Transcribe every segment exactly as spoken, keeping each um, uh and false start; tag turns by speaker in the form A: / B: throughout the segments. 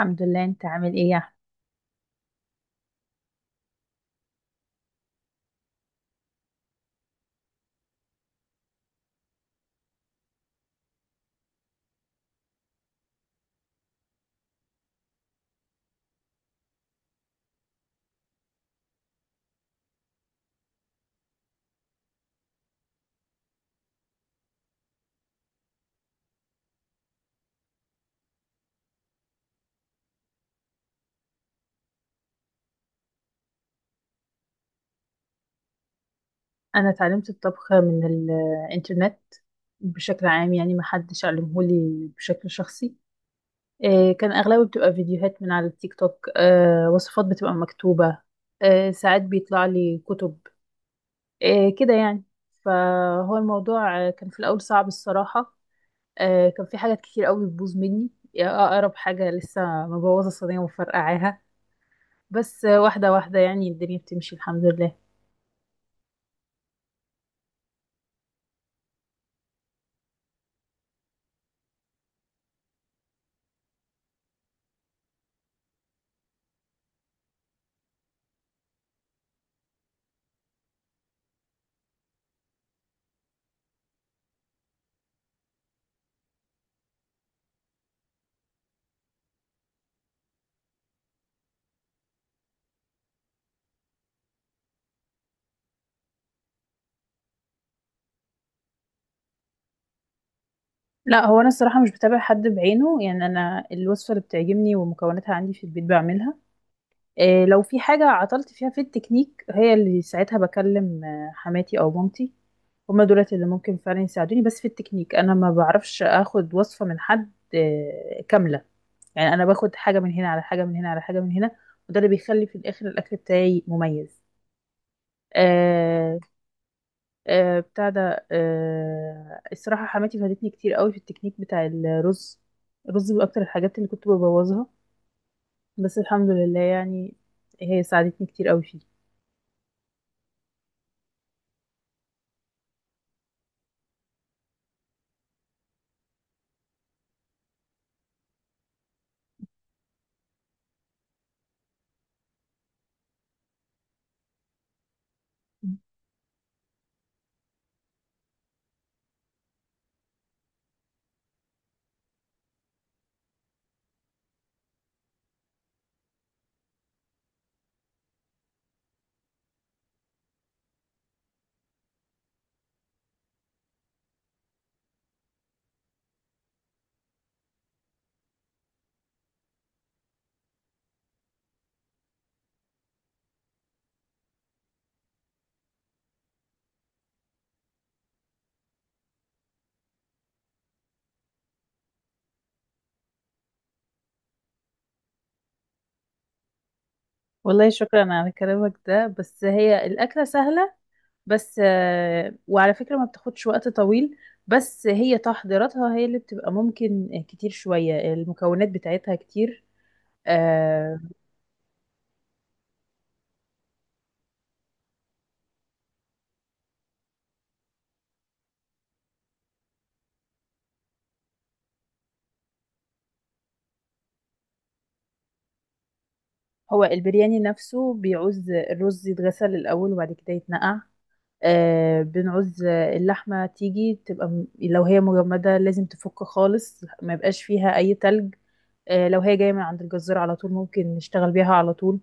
A: الحمد لله، انت عامل ايه يا احمد؟ انا اتعلمت الطبخ من الانترنت بشكل عام، يعني ما حدش علمهولي بشكل شخصي. إيه، كان اغلبه بتبقى فيديوهات من على التيك توك. آه وصفات بتبقى مكتوبة. آه ساعات بيطلع لي كتب. إيه كده يعني. فهو الموضوع آه، كان في الاول صعب الصراحة. آه كان في حاجات كتير قوي بتبوظ مني. اقرب حاجة لسه مبوظة الصينية ومفرقعاها. بس آه، واحدة واحدة، يعني الدنيا بتمشي الحمد لله. لا، هو انا الصراحه مش بتابع حد بعينه، يعني انا الوصفه اللي بتعجبني ومكوناتها عندي في البيت بعملها. إيه، لو في حاجه عطلت فيها في التكنيك هي اللي ساعتها بكلم آه، حماتي او مامتي. هما دولت اللي ممكن فعلا يساعدوني، بس في التكنيك انا ما بعرفش اخد وصفه من حد آه، كامله. يعني انا باخد حاجه من هنا على حاجه من هنا على حاجه من هنا، وده اللي بيخلي في الاخر الاكل بتاعي مميز. آه، آه بتاع ده آه الصراحة حماتي فادتني كتير قوي في التكنيك بتاع الرز. الرز من أكتر الحاجات اللي كنت ببوظها، بس الحمد لله، يعني هي ساعدتني كتير قوي فيه. والله شكرا على كلامك ده، بس هي الأكلة سهلة. بس آه، وعلى فكرة ما بتاخدش وقت طويل، بس هي تحضيراتها هي اللي بتبقى ممكن كتير شوية، المكونات بتاعتها كتير. آه، هو البرياني نفسه بيعوز الرز يتغسل الأول وبعد كده يتنقع. آه بنعوز اللحمة تيجي تبقى م- لو هي مجمدة لازم تفك خالص ما يبقاش فيها أي تلج. آه، لو هي جاية من عند الجزار على طول ممكن نشتغل بيها على طول.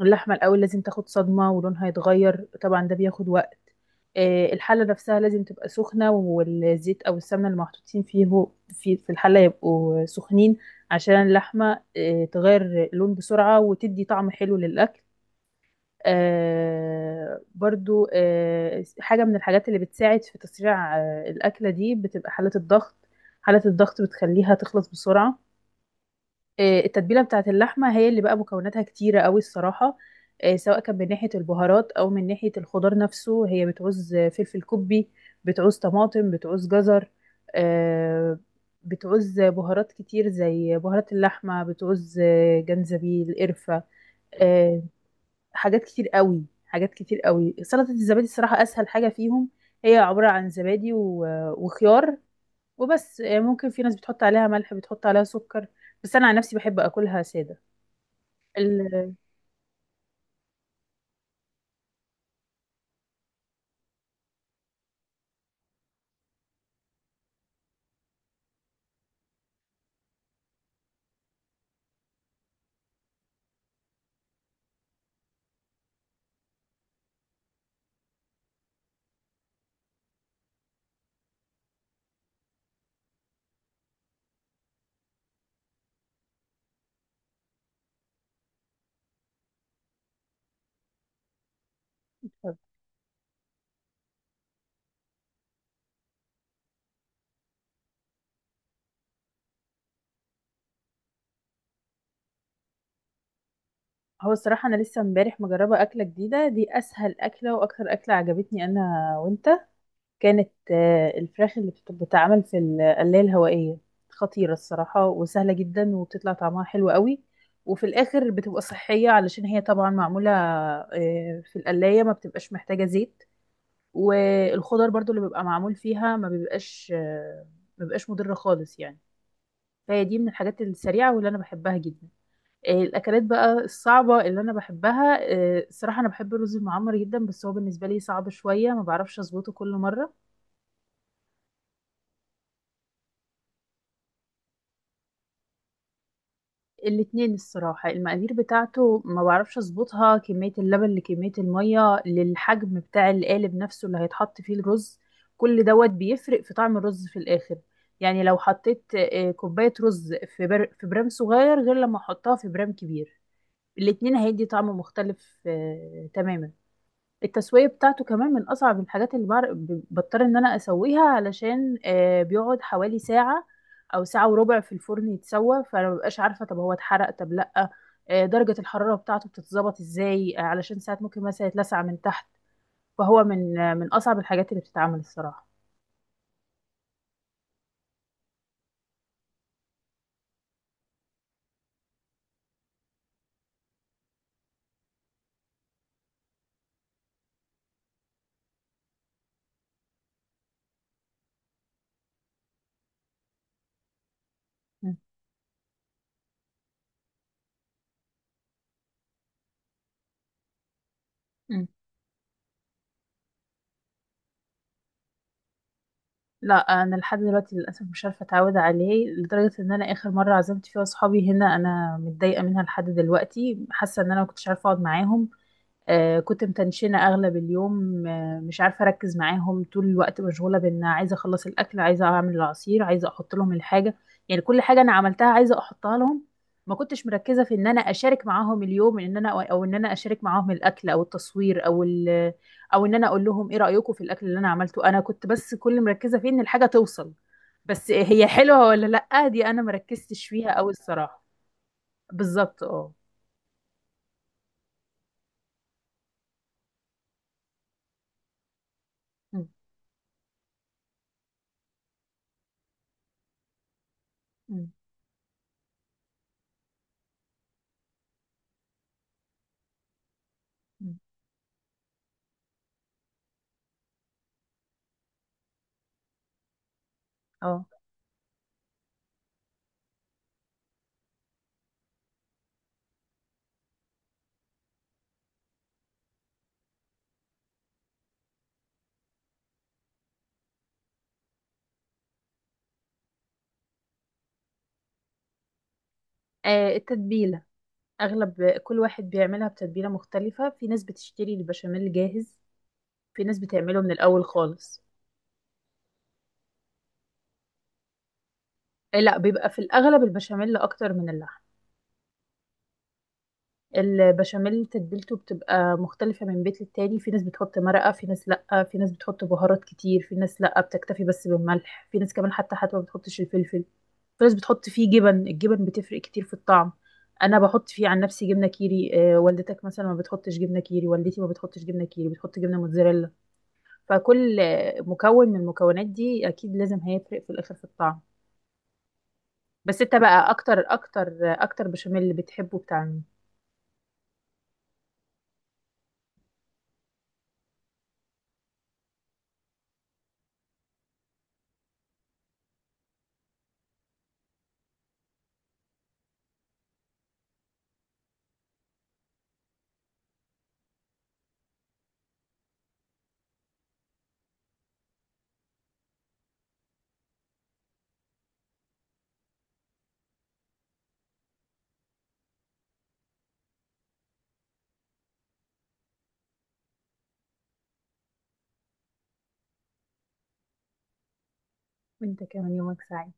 A: اللحمة الأول لازم تاخد صدمة ولونها يتغير، طبعا ده بياخد وقت. آه، الحلة نفسها لازم تبقى سخنة، والزيت أو السمنة اللي محطوطين فيه في في الحلة يبقوا سخنين عشان اللحمة آه، تغير لون بسرعة وتدي طعم حلو للأكل. آه، برضو آه، حاجة من الحاجات اللي بتساعد في تسريع آه، الأكلة دي بتبقى حالة الضغط. حالة الضغط بتخليها تخلص بسرعة. آه، التتبيله بتاعه اللحمه هي اللي بقى مكوناتها كتيره قوي الصراحه. آه، سواء كان من ناحيه البهارات او من ناحيه الخضار نفسه، هي بتعوز آه، فلفل كوبي، بتعوز طماطم، بتعوز جزر. آه، بتعوز بهارات كتير زي بهارات اللحمه، بتعوز آه، جنزبيل قرفه. آه، حاجات كتير قوي، حاجات كتير قوي. سلطه الزبادي الصراحه اسهل حاجه فيهم، هي عباره عن زبادي و- وخيار وبس. آه، ممكن في ناس بتحط عليها ملح، بتحط عليها سكر، بس انا عن نفسي بحب اكلها ساده. ال- هو الصراحة أنا لسه امبارح مجربة أكلة جديدة، دي أسهل أكلة وأكتر أكلة عجبتني أنا وأنت. كانت آه، الفراخ اللي بت- بتتعمل في القلاية الهوائية، خطيرة الصراحة وسهلة جدا وبتطلع طعمها حلو قوي. وفي الآخر بتبقى صحية علشان هي طبعا معمولة آه، في القلاية، ما بتبقاش محتاجة زيت. والخضر برضو اللي بيبقى معمول فيها ما بيبقاش آه، ما بيبقاش مضرة خالص يعني. فهي دي من الحاجات السريعة واللي أنا بحبها جدا. آه، الاكلات بقى الصعبه اللي انا بحبها، آه، الصراحه انا بحب الرز المعمر جدا، بس هو بالنسبه لي صعب شويه، ما بعرفش اظبطه كل مره. الاتنين الصراحه، المقادير بتاعته ما بعرفش اظبطها، كميه اللبن لكميه الميه للحجم بتاع القالب نفسه اللي هيتحط فيه الرز، كل دوت بيفرق في طعم الرز في الاخر. يعني لو حطيت آه، كوبايه رز في بر... في برام صغير، غير لما احطها في برام كبير، الاتنين هيدي طعم مختلف آه، تماما. التسوية بتاعته كمان من أصعب الحاجات اللي بعر- ب- بضطر إن أنا أسويها، علشان آه، بيقعد حوالي ساعة أو ساعة وربع في الفرن يتسوى، فأنا مببقاش عارفة طب هو اتحرق طب لأ. آه، درجة الحرارة بتاعته بتتظبط إزاي آه، علشان ساعات ممكن مثلا يتلسع من تحت. فهو من آه، من أصعب الحاجات اللي بتتعمل الصراحة. م- م. لا، أنا لحد دلوقتي للأسف مش عارفة أتعود عليه، لدرجة إن أنا آخر مرة عزمت فيها صحابي هنا أنا متضايقة منها لحد دلوقتي، حاسة إن أنا مكنتش عارفة أقعد معاهم. آه، كنت متنشنة أغلب اليوم، آه، مش عارفة أركز معاهم، طول الوقت مشغولة بإن عايزة أخلص الأكل، عايزة أعمل العصير، عايزة أحط لهم الحاجة، يعني كل حاجة أنا عملتها عايزة أحطها لهم. ما كنتش مركزة في إن أنا أشارك معاهم اليوم، إن أنا أو إن أنا أشارك معاهم الأكل أو التصوير أو ال أو إن أنا أقول لهم إيه رأيكم في الأكل اللي أنا عملته. أنا كنت بس كل مركزة فيه إن الحاجة توصل، بس هي حلوة ولا لأ دي أنا مركزتش فيها أوي الصراحة. بالظبط، اه. م- م- م. اه. آه، التتبيلة، اغلب كل واحد بيعملها بتتبيله مختلفه، في ناس بتشتري البشاميل جاهز، في ناس بتعمله من الاول خالص. إيه، لا بيبقى في الاغلب البشاميل اكتر من اللحم. البشاميل تتبيلته بتبقى مختلفه من بيت للتاني، في ناس بتحط مرقه، في ناس لا، في ناس بتحط بهارات كتير، في ناس لا بتكتفي بس بالملح، في ناس كمان حتى حتى ما بتحطش الفلفل، في ناس بتحط فيه جبن. الجبن بتفرق كتير في الطعم، انا بحط فيه عن نفسي جبنه كيري، آه، والدتك مثلا ما بتحطش جبنه كيري، والدتي ما بتحطش جبنه كيري بتحط جبنه موتزاريلا. فكل مكون من المكونات دي اكيد لازم هيفرق في الاخر في الطعم. بس انت بقى اكتر اكتر اكتر بشاميل بتحبه بتاع مين؟ وانت كمان، يومك سعيد.